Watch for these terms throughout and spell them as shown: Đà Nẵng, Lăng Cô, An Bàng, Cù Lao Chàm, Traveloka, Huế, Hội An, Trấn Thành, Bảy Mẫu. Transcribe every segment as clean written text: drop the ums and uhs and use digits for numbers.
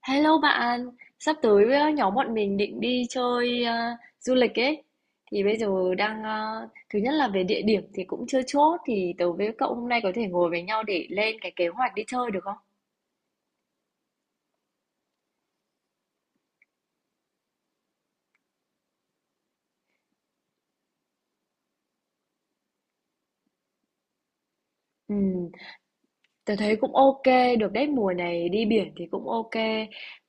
Hello bạn, sắp tới nhóm bọn mình định đi chơi du lịch ấy. Thì bây giờ đang thứ nhất là về địa điểm thì cũng chưa chốt thì tớ với cậu hôm nay có thể ngồi với nhau để lên cái kế hoạch đi chơi được không? Ừ, tớ thấy cũng ok, được đấy mùa này đi biển thì cũng ok.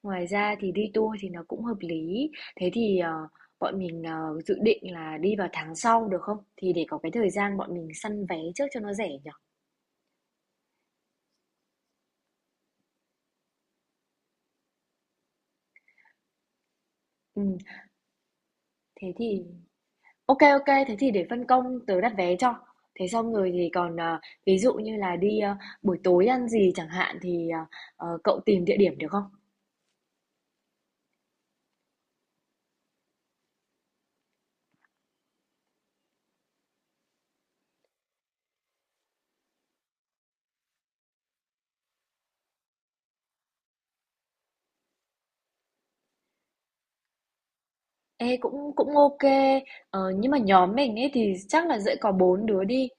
Ngoài ra thì đi tour thì nó cũng hợp lý. Thế thì bọn mình dự định là đi vào tháng sau được không? Thì để có cái thời gian bọn mình săn vé trước cho nó rẻ nhỉ? Ừ, thế thì OK OK. Thế thì để phân công tớ đặt vé cho. Thế xong rồi thì còn, ví dụ như là đi, buổi tối ăn gì chẳng hạn thì, cậu tìm địa điểm được không? Ê, cũng cũng OK kê. Ờ, nhưng mà nhóm mình ấy thì chắc là sẽ có 4 đứa đi.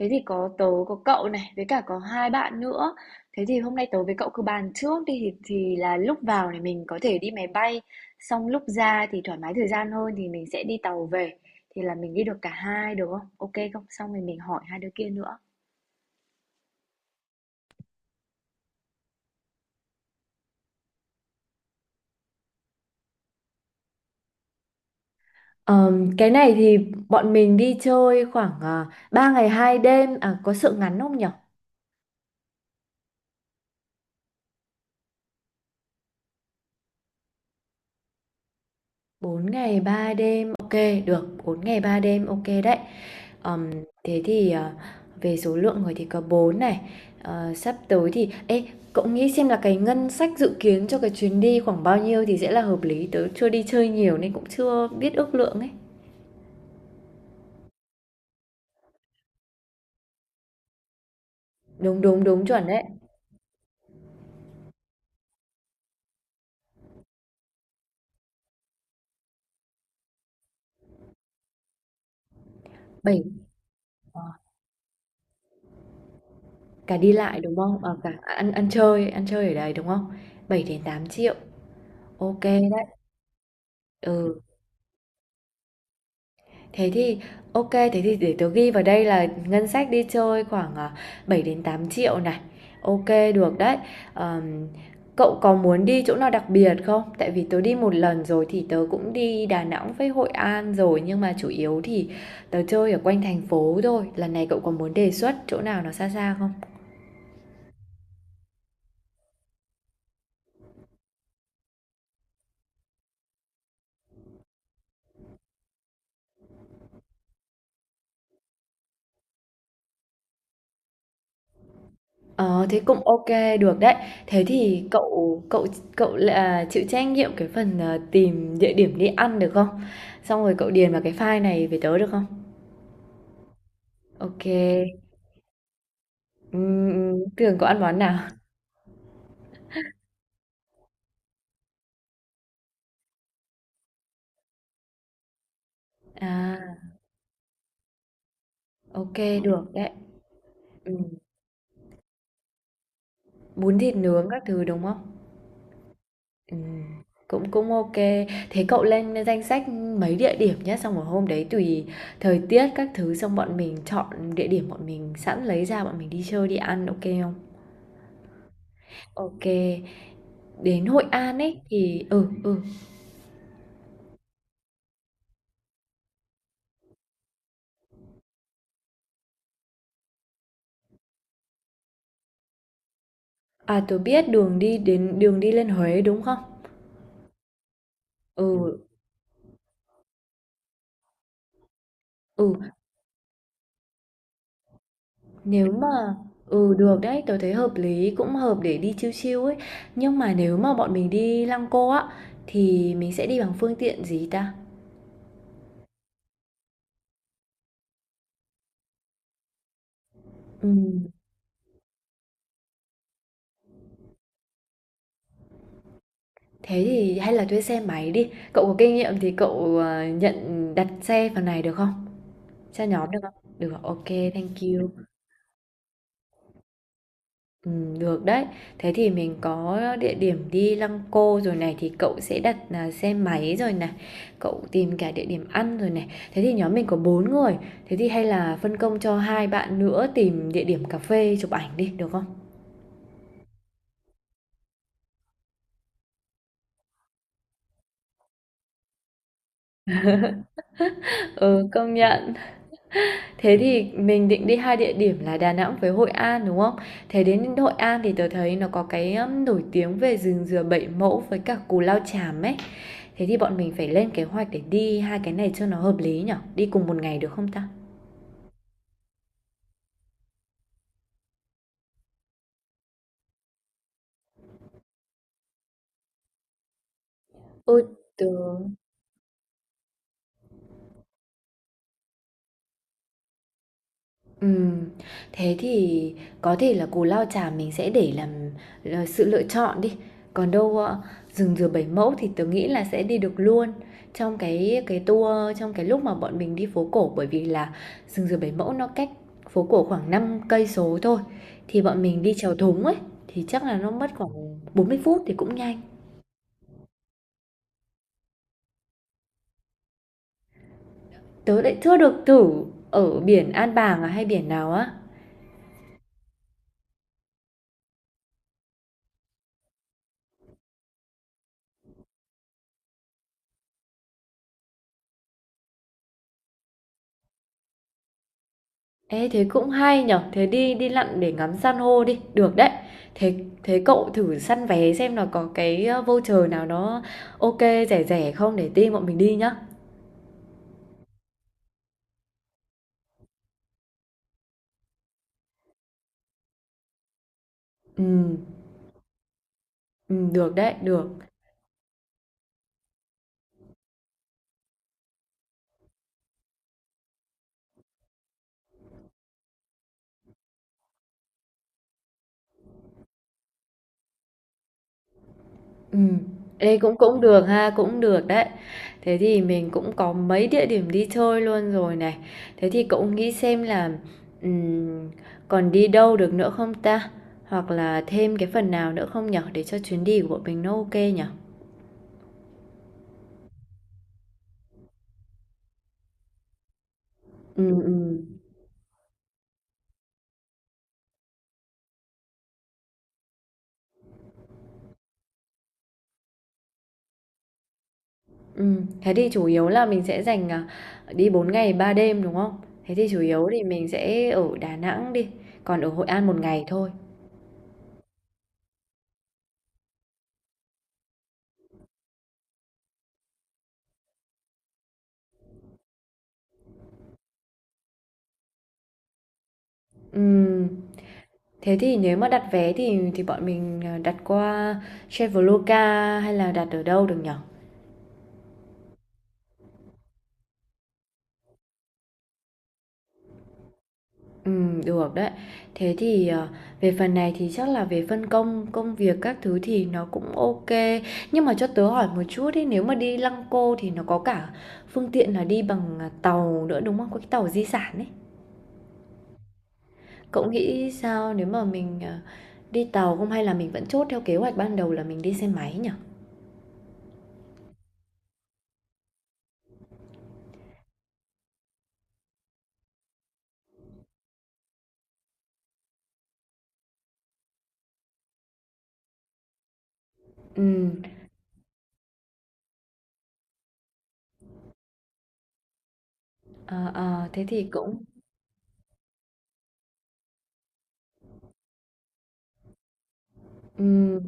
Thế thì có tớ, có cậu này, với cả có 2 bạn nữa. Thế thì hôm nay tớ với cậu cứ bàn trước đi thì là lúc vào này mình có thể đi máy bay, xong lúc ra thì thoải mái thời gian hơn thì mình sẽ đi tàu về. Thì là mình đi được cả hai được không? OK không? Xong rồi mình hỏi hai đứa kia nữa. Cái này thì bọn mình đi chơi khoảng 3 ngày 2 đêm à có sự ngắn không nhở 4 ngày 3 đêm ok được bốn ngày 3 đêm ok đấy. Ờm, thế thì về số lượng người thì có 4 này. Ờ, sắp tới thì ê cậu nghĩ xem là cái ngân sách dự kiến cho cái chuyến đi khoảng bao nhiêu thì sẽ là hợp lý, tớ chưa đi chơi nhiều nên cũng chưa biết ước lượng ấy. Đúng đúng đúng chuẩn đấy. Bảy cả đi lại đúng không, à, cả ăn ăn chơi ở đây đúng không? Bảy đến tám triệu. OK đấy. Ừ, thế thì OK, thế thì để tớ ghi vào đây là ngân sách đi chơi khoảng à, 7 đến 8 triệu này. OK, được đấy. Ờm, cậu có muốn đi chỗ nào đặc biệt không? Tại vì tớ đi một lần rồi thì tớ cũng đi Đà Nẵng với Hội An rồi nhưng mà chủ yếu thì tớ chơi ở quanh thành phố thôi. Lần này cậu có muốn đề xuất chỗ nào nó xa xa không? Ờ, thế cũng ok được đấy. Thế thì cậu cậu cậu là chịu trách nhiệm cái phần, tìm địa điểm đi ăn được không? Xong rồi cậu điền vào cái file này về tớ được không? Ok kê. Tường ăn món nào? À, ok được đấy. Ừm, bún thịt nướng các thứ, đúng không? Ừm, cũng cũng ok. Thế cậu lên danh sách mấy địa điểm nhé, xong rồi hôm đấy tùy thời tiết các thứ, xong bọn mình chọn địa điểm bọn mình sẵn lấy ra bọn mình đi chơi, đi ăn, ok không? Ok. Đến Hội An ấy thì ừ, ừ. À, tôi biết đường đi đến đường đi lên Huế đúng không? Ừ, ừ, nếu mà ừ được đấy, tôi thấy hợp lý, cũng hợp để đi chill chill ấy. Nhưng mà nếu mà bọn mình đi Lăng Cô á thì mình sẽ đi bằng phương tiện gì ta? Ừ, thế thì hay là thuê xe máy đi. Cậu có kinh nghiệm thì cậu nhận đặt xe phần này được không? Cho nhóm được không? Được, ok, thank you. Được đấy. Thế thì mình có địa điểm đi Lăng Cô rồi này thì cậu sẽ đặt, à, xe máy rồi này, cậu tìm cả địa điểm ăn rồi này. Thế thì nhóm mình có 4 người, thế thì hay là phân công cho 2 bạn nữa tìm địa điểm cà phê chụp ảnh đi, được không? Ừ, công Ừ nhận. Thế thì mình định đi 2 địa điểm là Đà Nẵng với Hội An, đúng không? Thế đến Hội An thì tớ thấy nó có cái, ưm, nổi tiếng về rừng dừa Bảy Mẫu với cả Cù Lao Chàm ấy. Thế thì bọn mình phải lên kế hoạch để đi 2 cái này cho nó hợp lý nhở? Đi cùng một ngày được không ta? Ôi, tớ. Ừm, thế thì có thể là cù lao chàm mình sẽ để làm là sự lựa chọn đi, còn đâu, rừng dừa Bảy Mẫu thì tớ nghĩ là sẽ đi được luôn trong cái tour trong cái lúc mà bọn mình đi phố cổ. Bởi vì là rừng dừa Bảy Mẫu nó cách phố cổ khoảng 5 cây số thôi, thì bọn mình đi chèo thúng ấy, thì chắc là nó mất khoảng 40 phút thì cũng nhanh. Tớ lại chưa được thử ở biển An Bàng à hay biển nào á. Ê, thế cũng hay nhở, thế đi đi lặn để ngắm san hô đi, được đấy. Thế thế cậu thử săn vé xem là có cái voucher nào nó ok rẻ rẻ không để team bọn mình đi nhá. Ừ, ừ được đấy, được. Ừ. Ê cũng cũng được ha, cũng được đấy. Thế thì mình cũng có mấy địa điểm đi chơi luôn rồi này. Thế thì cậu nghĩ xem là ừm, còn đi đâu được nữa không ta? Hoặc là thêm cái phần nào nữa không nhở để cho chuyến đi của bọn mình nó ok nhở? Ừ ừ. Ừm, thế thì chủ yếu là mình sẽ dành, à, đi 4 ngày 3 đêm, đúng không? Thế thì chủ yếu thì mình sẽ ở Đà Nẵng đi, còn ở Hội An một ngày thôi. Ừm, thế thì nếu mà đặt vé thì bọn mình, đặt qua Traveloka hay là đặt ở đâu được nhở? Được đấy. Thế thì, về phần này thì chắc là về phân công công việc các thứ thì nó cũng ok. Nhưng mà cho tớ hỏi một chút ấy, nếu mà đi Lăng Cô thì nó có cả phương tiện là đi bằng, à, tàu nữa, đúng không? Có cái tàu di sản ấy. Cậu nghĩ sao nếu mà mình, đi tàu không hay là mình vẫn chốt theo kế hoạch ban đầu là mình đi xe máy nhỉ? Ừ, ờ, ờ, thế thì cũng ừ.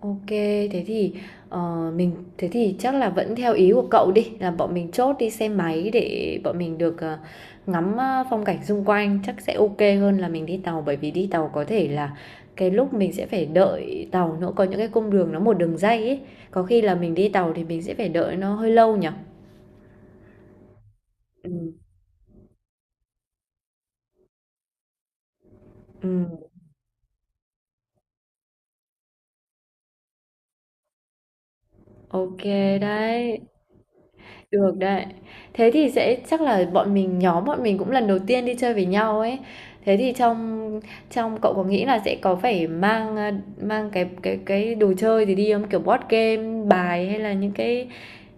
OK, thế thì, mình thế thì chắc là vẫn theo ý của cậu đi, là bọn mình chốt đi xe máy để bọn mình được, ngắm, a, phong cảnh xung quanh, chắc sẽ OK hơn là mình đi tàu. Bởi vì đi tàu có thể là cái lúc mình sẽ phải đợi tàu nữa, có những cái cung đường nó một đường ray ấy, có khi là mình đi tàu thì mình sẽ phải đợi nó hơi lâu nhỉ? Ừm, ừm. OK đấy, được đấy. Thế thì sẽ chắc là bọn mình nhóm bọn mình cũng lần đầu tiên đi chơi với nhau ấy. Thế thì trong trong cậu có nghĩ là sẽ có phải mang à, mang cái đồ chơi gì đi không? Kiểu board game, bài hay là những cái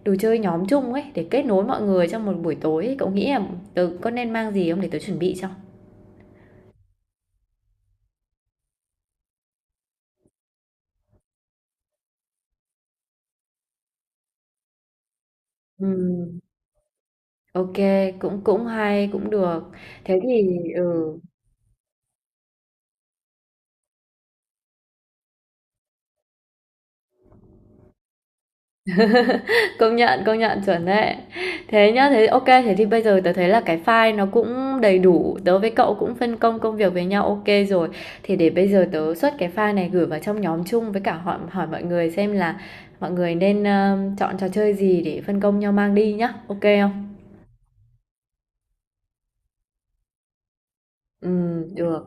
đồ chơi nhóm chung ấy để kết nối mọi người trong một buổi tối ấy. Cậu nghĩ là tớ có nên mang gì không để tớ chuẩn bị cho? Ừm, ok, cũng cũng hay, cũng được. Thế thì ừ. Công nhận, chuẩn đấy. Thế nhá, thế ok thế thì bây giờ tớ thấy là cái file nó cũng đầy đủ, tớ với cậu cũng phân công công việc với nhau ok rồi. Thì để bây giờ tớ xuất cái file này gửi vào trong nhóm chung với cả hỏi hỏi mọi người xem là mọi người nên, chọn trò chơi gì để phân công nhau mang đi nhá, ok không? Được.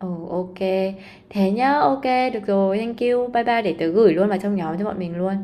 Ừ, ok. Thế nhá, ok được rồi, thank you. Bye bye, để tớ gửi luôn vào trong nhóm cho bọn mình luôn.